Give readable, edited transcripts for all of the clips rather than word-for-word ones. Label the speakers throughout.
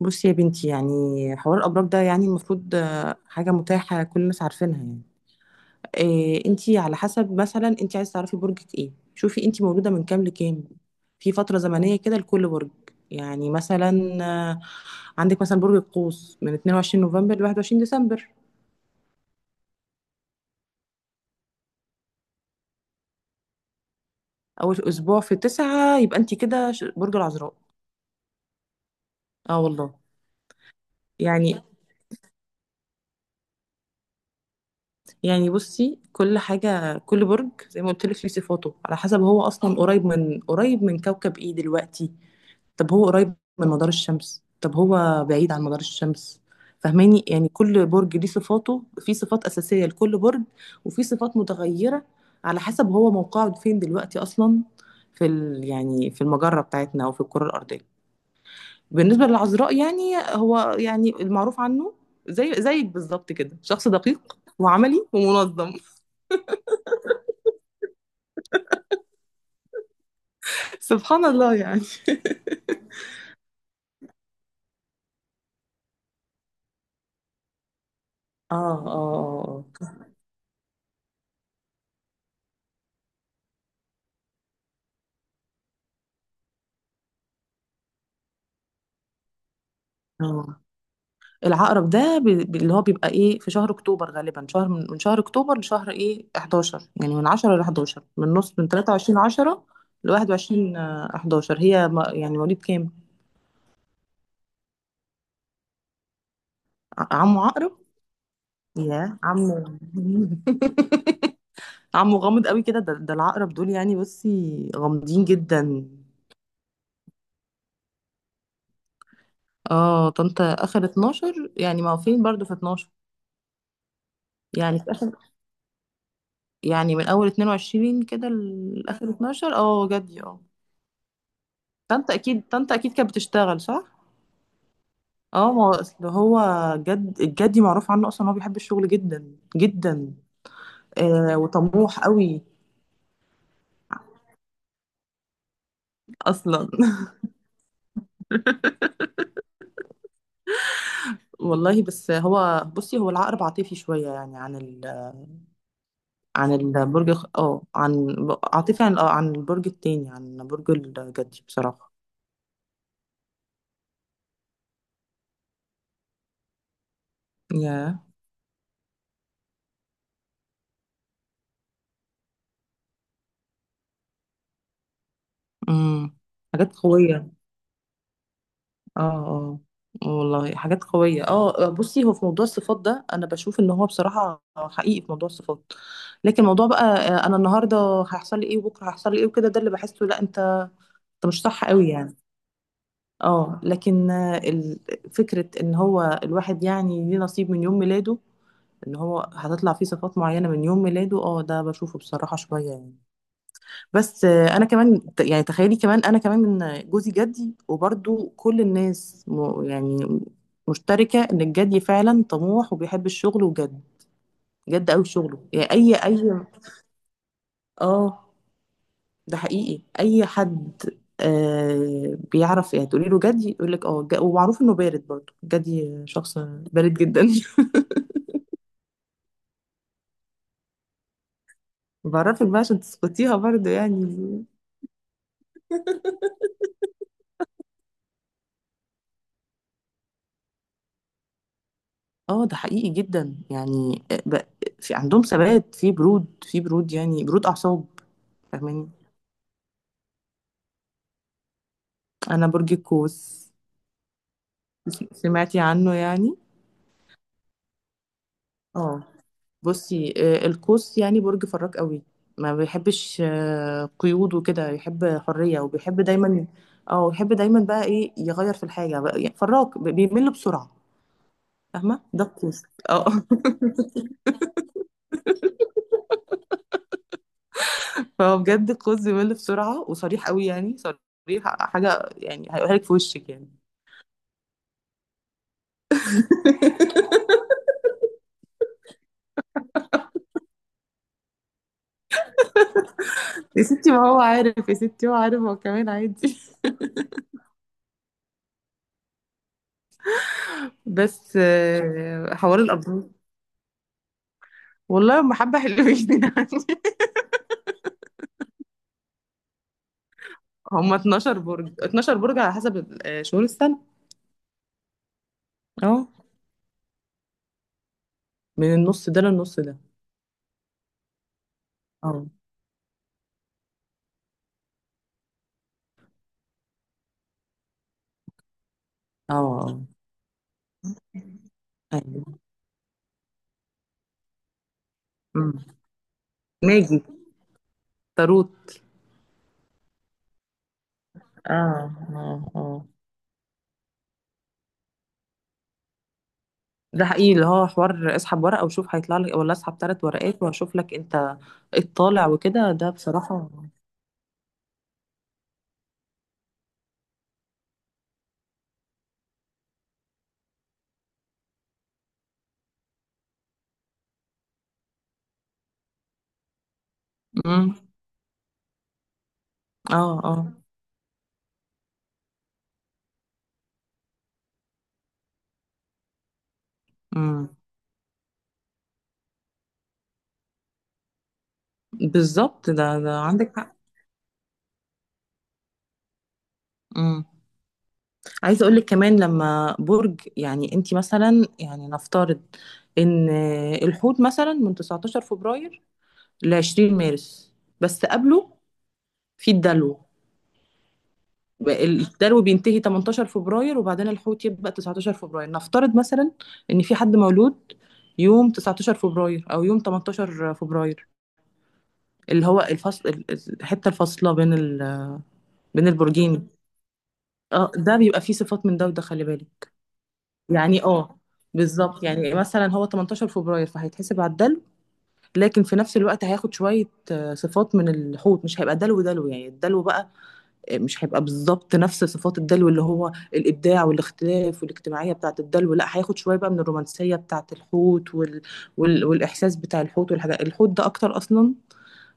Speaker 1: بصي يا بنتي، يعني حوار الأبراج ده يعني المفروض حاجة متاحة كل الناس عارفينها يعني. إيه؟ انتي على حسب، مثلا انتي عايزة تعرفي برجك ايه، شوفي انتي مولودة من كام لكام. في فترة زمنية كده لكل برج، يعني مثلا آه، عندك مثلا برج القوس من 22 نوفمبر ل 21 ديسمبر. أول أسبوع في تسعة يبقى انتي كده برج العذراء. اه والله. يعني يعني بصي كل حاجة كل برج زي ما قلت لك ليه صفاته على حسب هو أصلا قريب من كوكب ايه دلوقتي. طب هو قريب من مدار الشمس؟ طب هو بعيد عن مدار الشمس؟ فهماني، يعني كل برج ليه صفاته، في صفات أساسية لكل برج وفي صفات متغيرة على حسب هو موقعه فين دلوقتي أصلا في ال يعني في المجرة بتاعتنا أو في الكرة الأرضية. بالنسبة للعذراء يعني، هو يعني المعروف عنه زي زيك بالظبط كده، شخص دقيق وعملي ومنظم. سبحان الله يعني. اه اه اه. آه. العقرب ده اللي هو بيبقى ايه في شهر اكتوبر غالبا، شهر من شهر اكتوبر لشهر ايه 11، يعني من 10 ل 11، من نص، من 23 10 ل 21 11. هي يعني مواليد كام؟ عمو عقرب. يا عمو. عمو غامض قوي كده، ده العقرب دول يعني بصي غامضين جدا. اه طنطا اخر 12 يعني ما هو فين برضو في 12. يعني في اخر، يعني من اول 22 كده لاخر 12. اه جدي اه. طنطا اكيد، طنطا اكيد كانت بتشتغل صح. اه ما هو اصل هو جد، الجدي معروف عنه اصلا إن هو بيحب الشغل جدا جدا. آه وطموح قوي. اصلا. والله. بس هو بصي، هو العقرب عاطفي شويه، يعني عن عن البرج اه، عن، عاطفي عن اه عن البرج التاني، عن برج الجدي بصراحه. ياه. امم. حاجات قويه. اه اه. آه والله حاجات قوية. اه بصي هو في موضوع الصفات ده انا بشوف ان هو بصراحة حقيقي في موضوع الصفات. لكن موضوع بقى انا النهاردة هيحصل لي ايه وبكرة هيحصل لي ايه وكده، ده اللي بحسه لا. انت انت مش صح قوي يعني. اه لكن فكرة ان هو الواحد يعني ليه نصيب من يوم ميلاده، ان هو هتطلع فيه صفات معينة من يوم ميلاده، اه ده بشوفه بصراحة شوية يعني. بس انا كمان يعني تخيلي كمان انا كمان من جوزي جدي وبرضو كل الناس يعني مشتركة ان الجدي فعلا طموح وبيحب الشغل وجد، جد قوي شغله، يعني اي اي. اه ده حقيقي اي حد آه بيعرف. يعني تقولي له جدي يقول لك اه ومعروف انه بارد برضو، جدي شخص بارد جدا. بعرفك بقى عشان تسقطيها برضو يعني. اه ده حقيقي جدا يعني في عندهم ثبات، في برود يعني برود اعصاب. فاهماني، انا برج القوس. سمعتي عنه يعني؟ اه بصي القوس يعني برج فراك قوي، ما بيحبش قيود وكده، يحب حرية وبيحب دايما. اه يحب دايما بقى ايه، يغير في الحاجة بقى، يعني فراك بيمل بسرعة. فاهمة ده القوس. اه. فهو بجد القوس بيمل بسرعة وصريح قوي، يعني صريح، حاجة يعني هيقولها لك في وشك يعني. يا ستي ما هو عارف يا ستي، هو عارف، هو كمان عادي. بس حوار الابراج. والله هم حبه حلوين. يعني هم 12 برج، 12 برج على حسب شهور السنه. اه. من النص ده للنص ده. اه اه اه. ايوه. أمم. ماجي. تاروت. اه اه اه. ده حقيقي، اللي هو حوار اسحب ورقه وشوف هيطلع لك، ولا اسحب ثلاث ورقات واشوف لك انت ايه الطالع وكده، ده بصراحه. امم. اه اه. امم بالظبط. ده عندك. امم. عايزه اقول لك كمان، لما برج يعني انت مثلا يعني نفترض ان الحوت مثلا من 19 فبراير ل 20 مارس. بس قبله في الدلو بقى. الدلو بينتهي 18 فبراير وبعدين الحوت يبقى 19 فبراير. نفترض مثلا ان في حد مولود يوم 19 فبراير او يوم 18 فبراير، اللي هو الفصل، الحته الفاصله بين البرجين. اه ده بيبقى فيه صفات من ده وده، خلي بالك. يعني اه بالظبط، يعني مثلا هو 18 فبراير فهيتحسب على الدلو، لكن في نفس الوقت هياخد شوية صفات من الحوت، مش هيبقى دلو دلو يعني، الدلو بقى مش هيبقى بالظبط نفس صفات الدلو اللي هو الإبداع والاختلاف والاجتماعية بتاعة الدلو. لا هياخد شوية بقى من الرومانسية بتاعة الحوت والإحساس بتاع الحوت والحاجات. الحوت ده أكتر أصلا،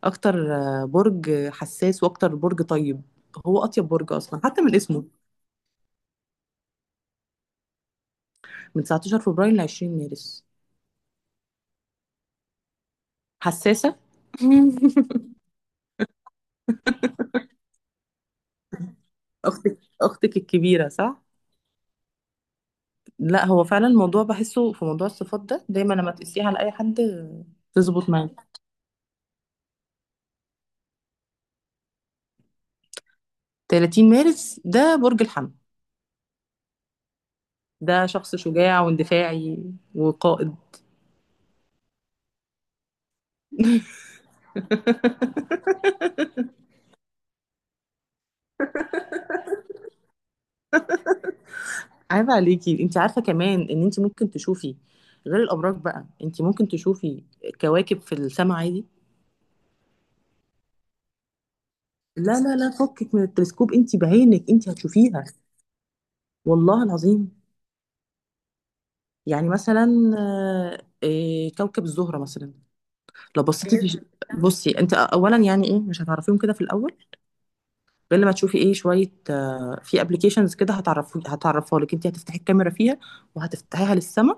Speaker 1: أكتر برج حساس وأكتر برج طيب، هو أطيب برج أصلا حتى من اسمه. من 19 فبراير ل 20 مارس. حساسة. اختك، اختك الكبيره صح. لا هو فعلا الموضوع بحسه في موضوع الصفات ده دايما لما تقسيه على اي حد تظبط معاه. 30 مارس ده برج الحمل. ده شخص شجاع واندفاعي وقائد. عيب عليكي. انت عارفه كمان ان انت ممكن تشوفي غير الابراج بقى، انت ممكن تشوفي كواكب في السماء عادي. لا لا لا، فكك من التلسكوب، انت بعينك انت هتشوفيها. والله العظيم. يعني مثلا كوكب الزهره مثلا، لو بصيتي في، بصي انت اولا يعني ايه، مش هتعرفيهم كده في الاول غير لما تشوفي ايه شويه في ابلكيشنز كده هتعرفوا، هتعرفها لك، انت هتفتحي الكاميرا فيها وهتفتحيها للسما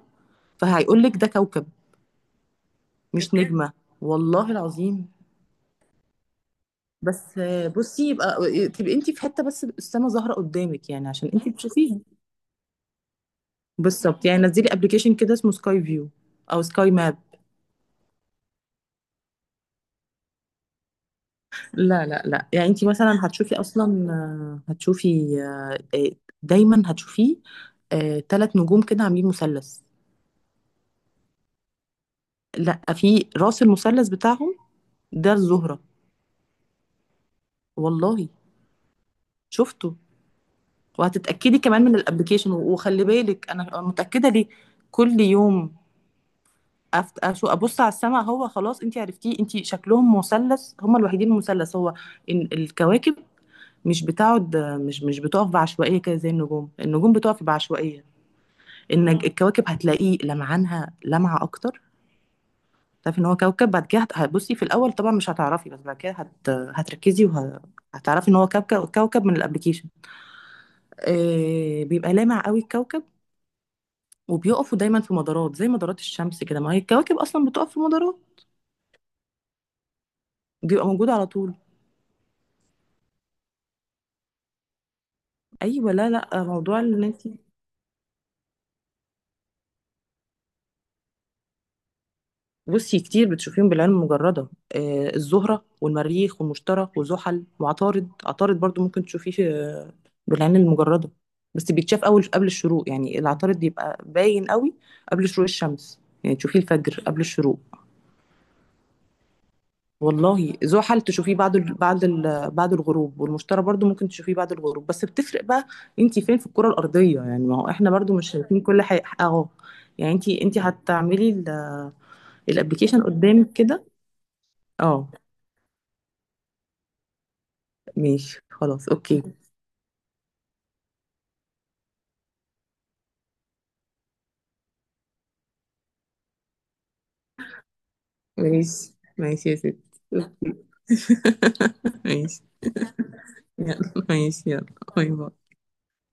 Speaker 1: فهيقول لك ده كوكب مش نجمه. والله العظيم. بس بصي يبقى تبقي انت في حته بس السما ظاهره قدامك يعني عشان انت تشوفيها. بالظبط، يعني نزلي ابلكيشن كده اسمه سكاي فيو او سكاي ماب. لا لا لا يعني انت مثلا هتشوفي اصلا آه، هتشوفي آه، آه، دايما هتشوفيه ثلاث نجوم كده عاملين مثلث. لا في راس المثلث بتاعهم ده الزهرة. والله. شفته. وهتتأكدي كمان من الابليكيشن. وخلي بالك انا متأكدة ليه، كل يوم ابص على السماء. هو خلاص انت عرفتيه، انت شكلهم مثلث، هم الوحيدين المثلث. هو إن الكواكب مش بتقعد، مش بتقف بعشوائية كده زي النجوم، النجوم بتقف بعشوائية. ان الكواكب هتلاقيه لمعانها لمعة اكتر، تعرفي ان هو كوكب. بعد كده هتبصي في الاول طبعا مش هتعرفي، بس بعد كده هتركزي وهتعرفي ان هو كوكب، كوكب من الابليكيشن. بيبقى لامع قوي الكوكب. وبيقفوا دايما في مدارات زي مدارات الشمس كده، ما هي الكواكب اصلا بتقف في مدارات. بيبقى موجود على طول. ايوه لا لا، موضوع ان انت بصي كتير بتشوفيهم بالعين المجردة. الزهرة والمريخ والمشتري وزحل وعطارد. عطارد برضو ممكن تشوفيه بالعين المجردة. بس بيتشاف أول قبل الشروق، يعني العطارد بيبقى باين قوي قبل شروق الشمس، يعني تشوفيه الفجر قبل الشروق. والله زحل تشوفيه بعد الغروب. والمشتري برضو ممكن تشوفيه بعد الغروب، بس بتفرق بقى انتي فين في الكرة الأرضية، يعني ما هو احنا برضو مش شايفين كل حاجة اهو. يعني انتي، هتعملي الابلكيشن قدامك كده. اه ماشي خلاص اوكي. ماشي ماشي يا ستي. ماشي. يلا ماشي، يلا باي باي.